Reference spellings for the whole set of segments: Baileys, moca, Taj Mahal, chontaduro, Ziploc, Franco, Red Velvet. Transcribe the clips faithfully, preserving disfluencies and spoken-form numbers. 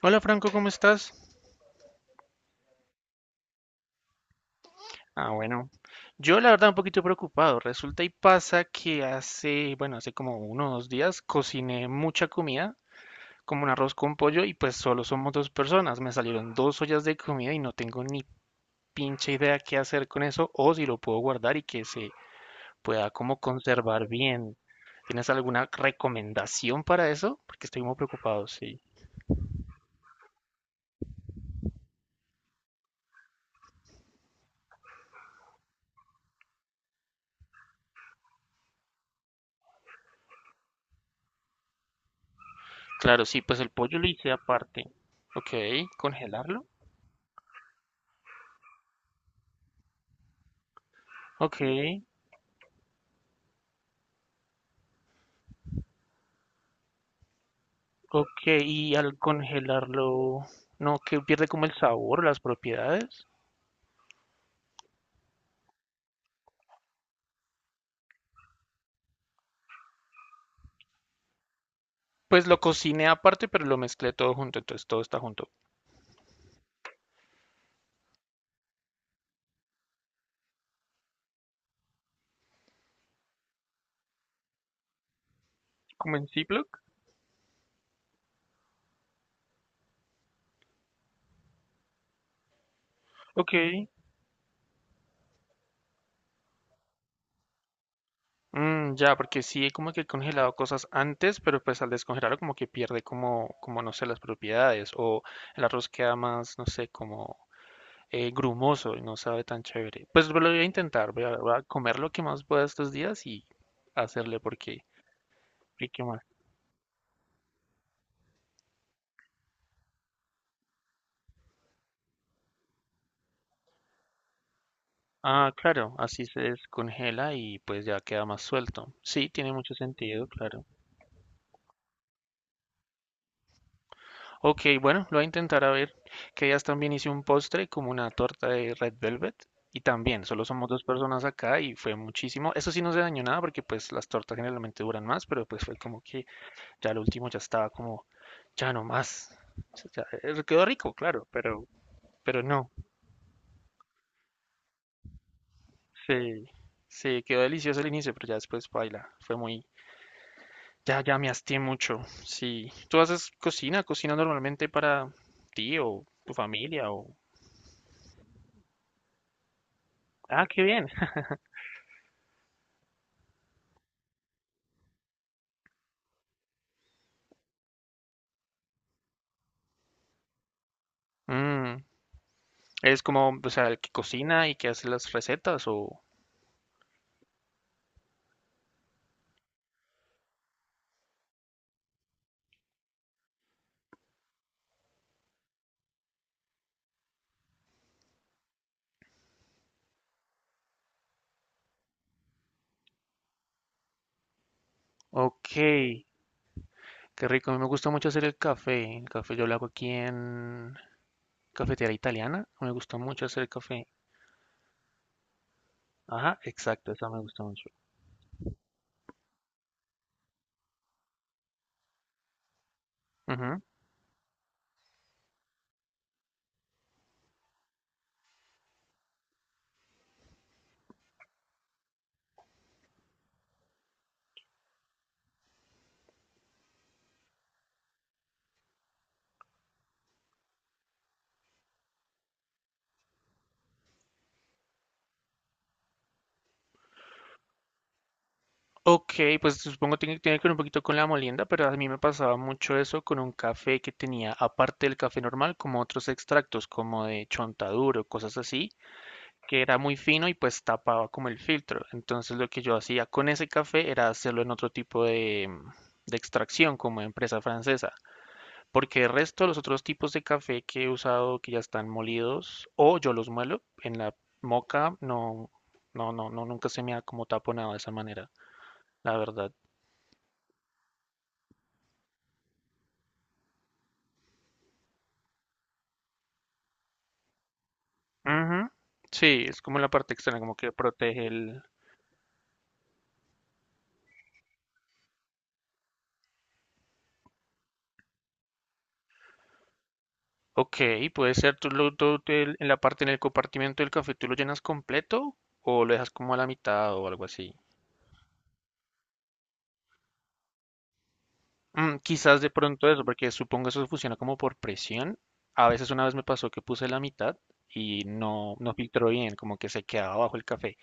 Hola Franco, ¿cómo estás? Ah, bueno. Yo la verdad un poquito preocupado. Resulta y pasa que hace, bueno, hace como uno o dos días cociné mucha comida, como un arroz con pollo, y pues solo somos dos personas. Me salieron dos ollas de comida y no tengo ni pinche idea qué hacer con eso o si lo puedo guardar y que se pueda como conservar bien. ¿Tienes alguna recomendación para eso? Porque estoy muy preocupado, sí. Claro, sí, pues el pollo lo hice aparte. Ok, congelarlo. Ok. Ok, y al congelarlo, no, que pierde como el sabor, las propiedades. Pues lo cociné aparte, pero lo mezclé todo junto, entonces todo está junto. ¿Como en Ziploc? Ok. Mm, ya, porque sí, como que he congelado cosas antes, pero pues al descongelarlo como que pierde como, como no sé, las propiedades. O el arroz queda más, no sé, como eh, grumoso y no sabe tan chévere. Pues lo voy a intentar, voy a, voy a comer lo que más pueda estos días y hacerle porque, porque ¿qué más? Ah, claro, así se descongela y pues ya queda más suelto. Sí, tiene mucho sentido, claro. Ok, bueno, lo voy a intentar a ver. Que ya también hice un postre como una torta de Red Velvet. Y también, solo somos dos personas acá y fue muchísimo. Eso sí no se dañó nada porque pues las tortas generalmente duran más, pero pues fue como que ya lo último ya estaba como, ya no más. O sea, ya, eh, quedó rico, claro, pero, pero no. Sí, sí quedó delicioso al inicio, pero ya después baila. Fue muy, ya, ya me hasté mucho. Sí. ¿Tú haces cocina? ¿Cocina normalmente para ti o tu familia? O... Ah, qué bien. Mm, ¿eres como, o sea, el que cocina y que hace las recetas o...? Ok, qué rico. A mí me gusta mucho hacer el café. El café yo lo hago aquí en cafetería italiana. Me gusta mucho hacer el café. Ajá, exacto, eso me gusta mucho. Ok, pues supongo que tiene, tiene que ver un poquito con la molienda, pero a mí me pasaba mucho eso con un café que tenía, aparte del café normal, como otros extractos, como de chontaduro, cosas así, que era muy fino y pues tapaba como el filtro. Entonces lo que yo hacía con ese café era hacerlo en otro tipo de, mm, de extracción, como empresa francesa, porque el resto de los otros tipos de café que he usado, que ya están molidos, o yo los muelo en la moca, no, no, no, no, nunca se me ha como taponado de esa manera, la verdad. Ujú. Sí, es como la parte externa, como que protege el... Ok, puede ser, tú, lo, tú te- en la parte, en el compartimiento del café, ¿tú lo llenas completo o lo dejas como a la mitad o algo así? Mm, quizás de pronto eso, porque supongo eso funciona como por presión. A veces una vez me pasó que puse la mitad y no, no filtró bien, como que se quedaba bajo el café.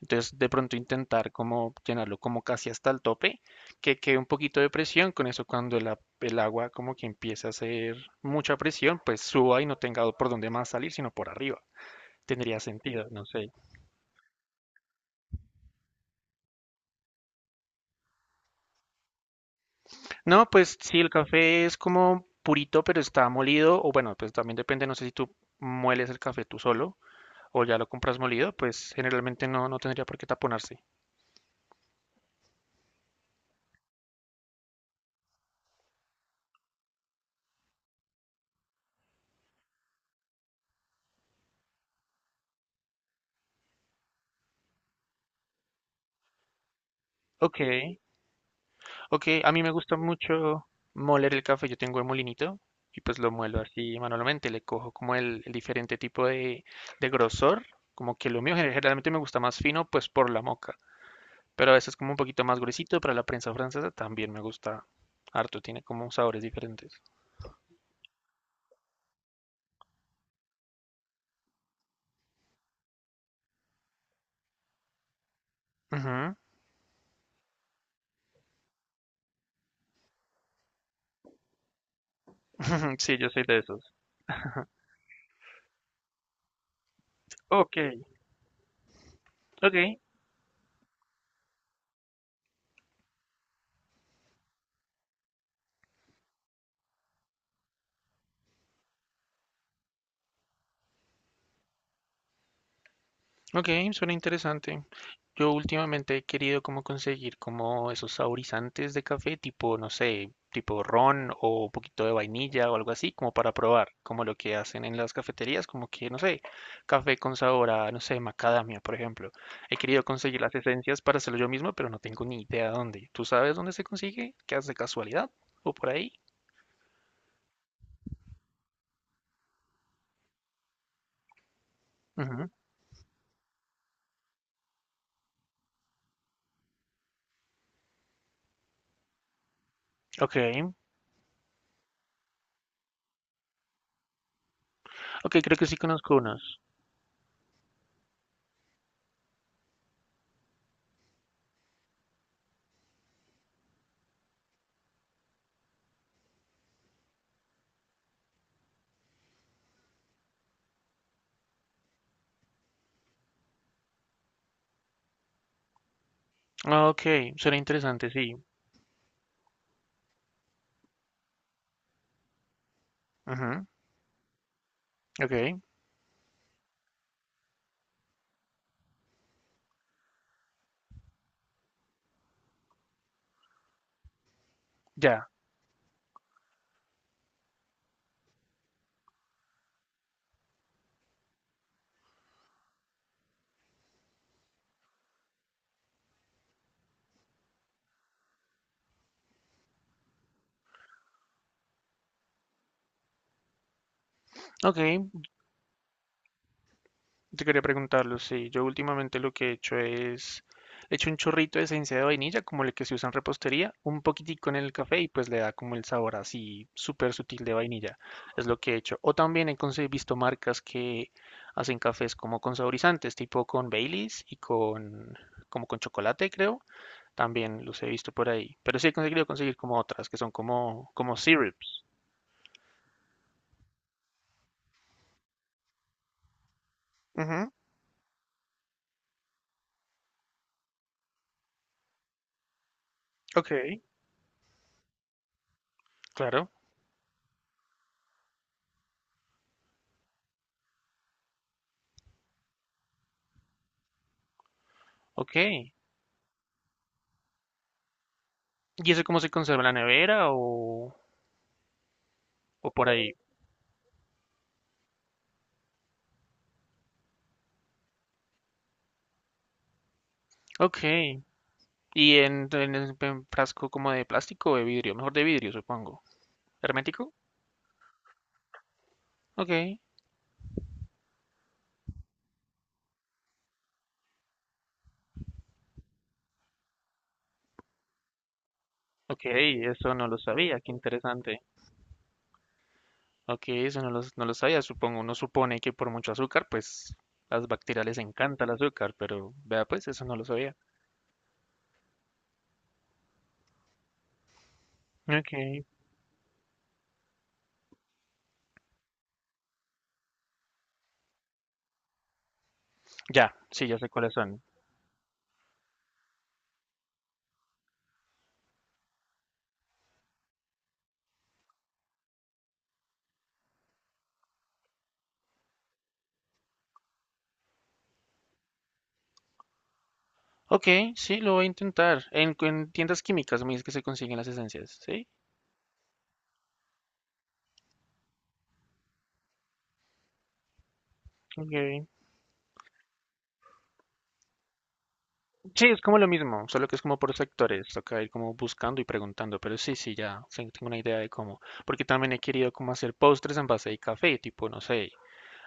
Entonces de pronto intentar como llenarlo como casi hasta el tope, que quede un poquito de presión, con eso cuando la- el agua como que empiece a hacer mucha presión, pues suba y no tenga por dónde más salir, sino por arriba. Tendría sentido, no sé. No, pues sí, el café es como purito, pero está molido, o bueno, pues también depende, no sé si tú mueles el café tú solo o ya lo compras molido, pues generalmente no, no tendría por qué taponarse. Ok, ok, a mí me gusta mucho moler el café, yo tengo el molinito y pues lo muelo así manualmente, le cojo como el, el diferente tipo de, de grosor, como que lo mío gener- generalmente me gusta más fino, pues por la moca, pero a veces como un poquito más gruesito para la prensa francesa también me gusta harto, tiene como sabores diferentes. Ujú, ujú, sí, yo soy de esos. Ok, ok, ok, suena interesante. Yo últimamente he querido como conseguir como esos saborizantes de café, tipo, no sé, tipo ron o un poquito de vainilla o algo así, como para probar, como lo que hacen en las cafeterías, como que, no sé, café con sabor a, no sé, macadamia, por ejemplo. He querido conseguir las esencias para hacerlo yo mismo, pero no tengo ni idea dónde. ¿Tú sabes dónde se consigue? ¿Qué haces de casualidad? ¿O por ahí? Ujú, ok, ok, creo que sí conozco unos. Ah, ok, suena interesante, sí. Ujú, ok, ya. Ok, te quería preguntarlo, sí. Yo últimamente lo que he hecho es, he hecho un chorrito de esencia de vainilla, como el que se usa en repostería, un poquitico en el café y pues le da como el sabor así súper sutil de vainilla. Es lo que he hecho. O también he conse- visto marcas que hacen cafés como con saborizantes, tipo con Baileys y con, como con chocolate, creo. También los he visto por ahí. Pero sí he conseguido conseguir como otras, que son como, como syrups. Ujú, ok, claro, ok. ¿Y eso cómo se conserva en la nevera o...? O por ahí. Ok. ¿Y en, en, es- en frasco como de plástico o de vidrio? Mejor de vidrio, supongo. ¿Hermético? Ok. Ok, eso no lo sabía, qué interesante. Ok, eso no lo, no lo sabía, supongo. Uno supone que por mucho azúcar, pues las bacterias les encanta el azúcar, pero vea, pues eso no lo sabía. Ok, ya, sí, ya sé cuáles son. Ok, sí, lo voy a intentar. En, en tiendas químicas, me dice que se consiguen las esencias, ¿sí? Ok. Sí, es como lo mismo, solo que es como por sectores, toca ir como buscando y preguntando, pero sí, sí, ya sí, tengo una idea de cómo, porque también he querido como hacer postres en base de café, tipo, no sé,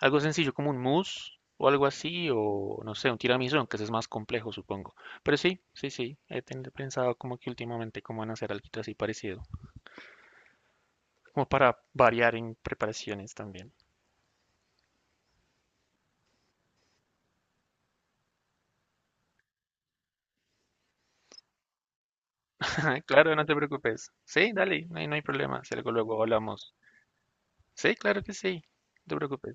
algo sencillo como un mousse o algo así, o no sé, un tiramisú, aunque ese es más complejo, supongo. Pero sí, sí, sí, he ten- pensado como que últimamente cómo van a hacer algo así parecido, como para variar en preparaciones también. Claro, no te preocupes. Sí, dale, no hay, no hay problema, si algo luego hablamos. Sí, claro que sí, no te preocupes.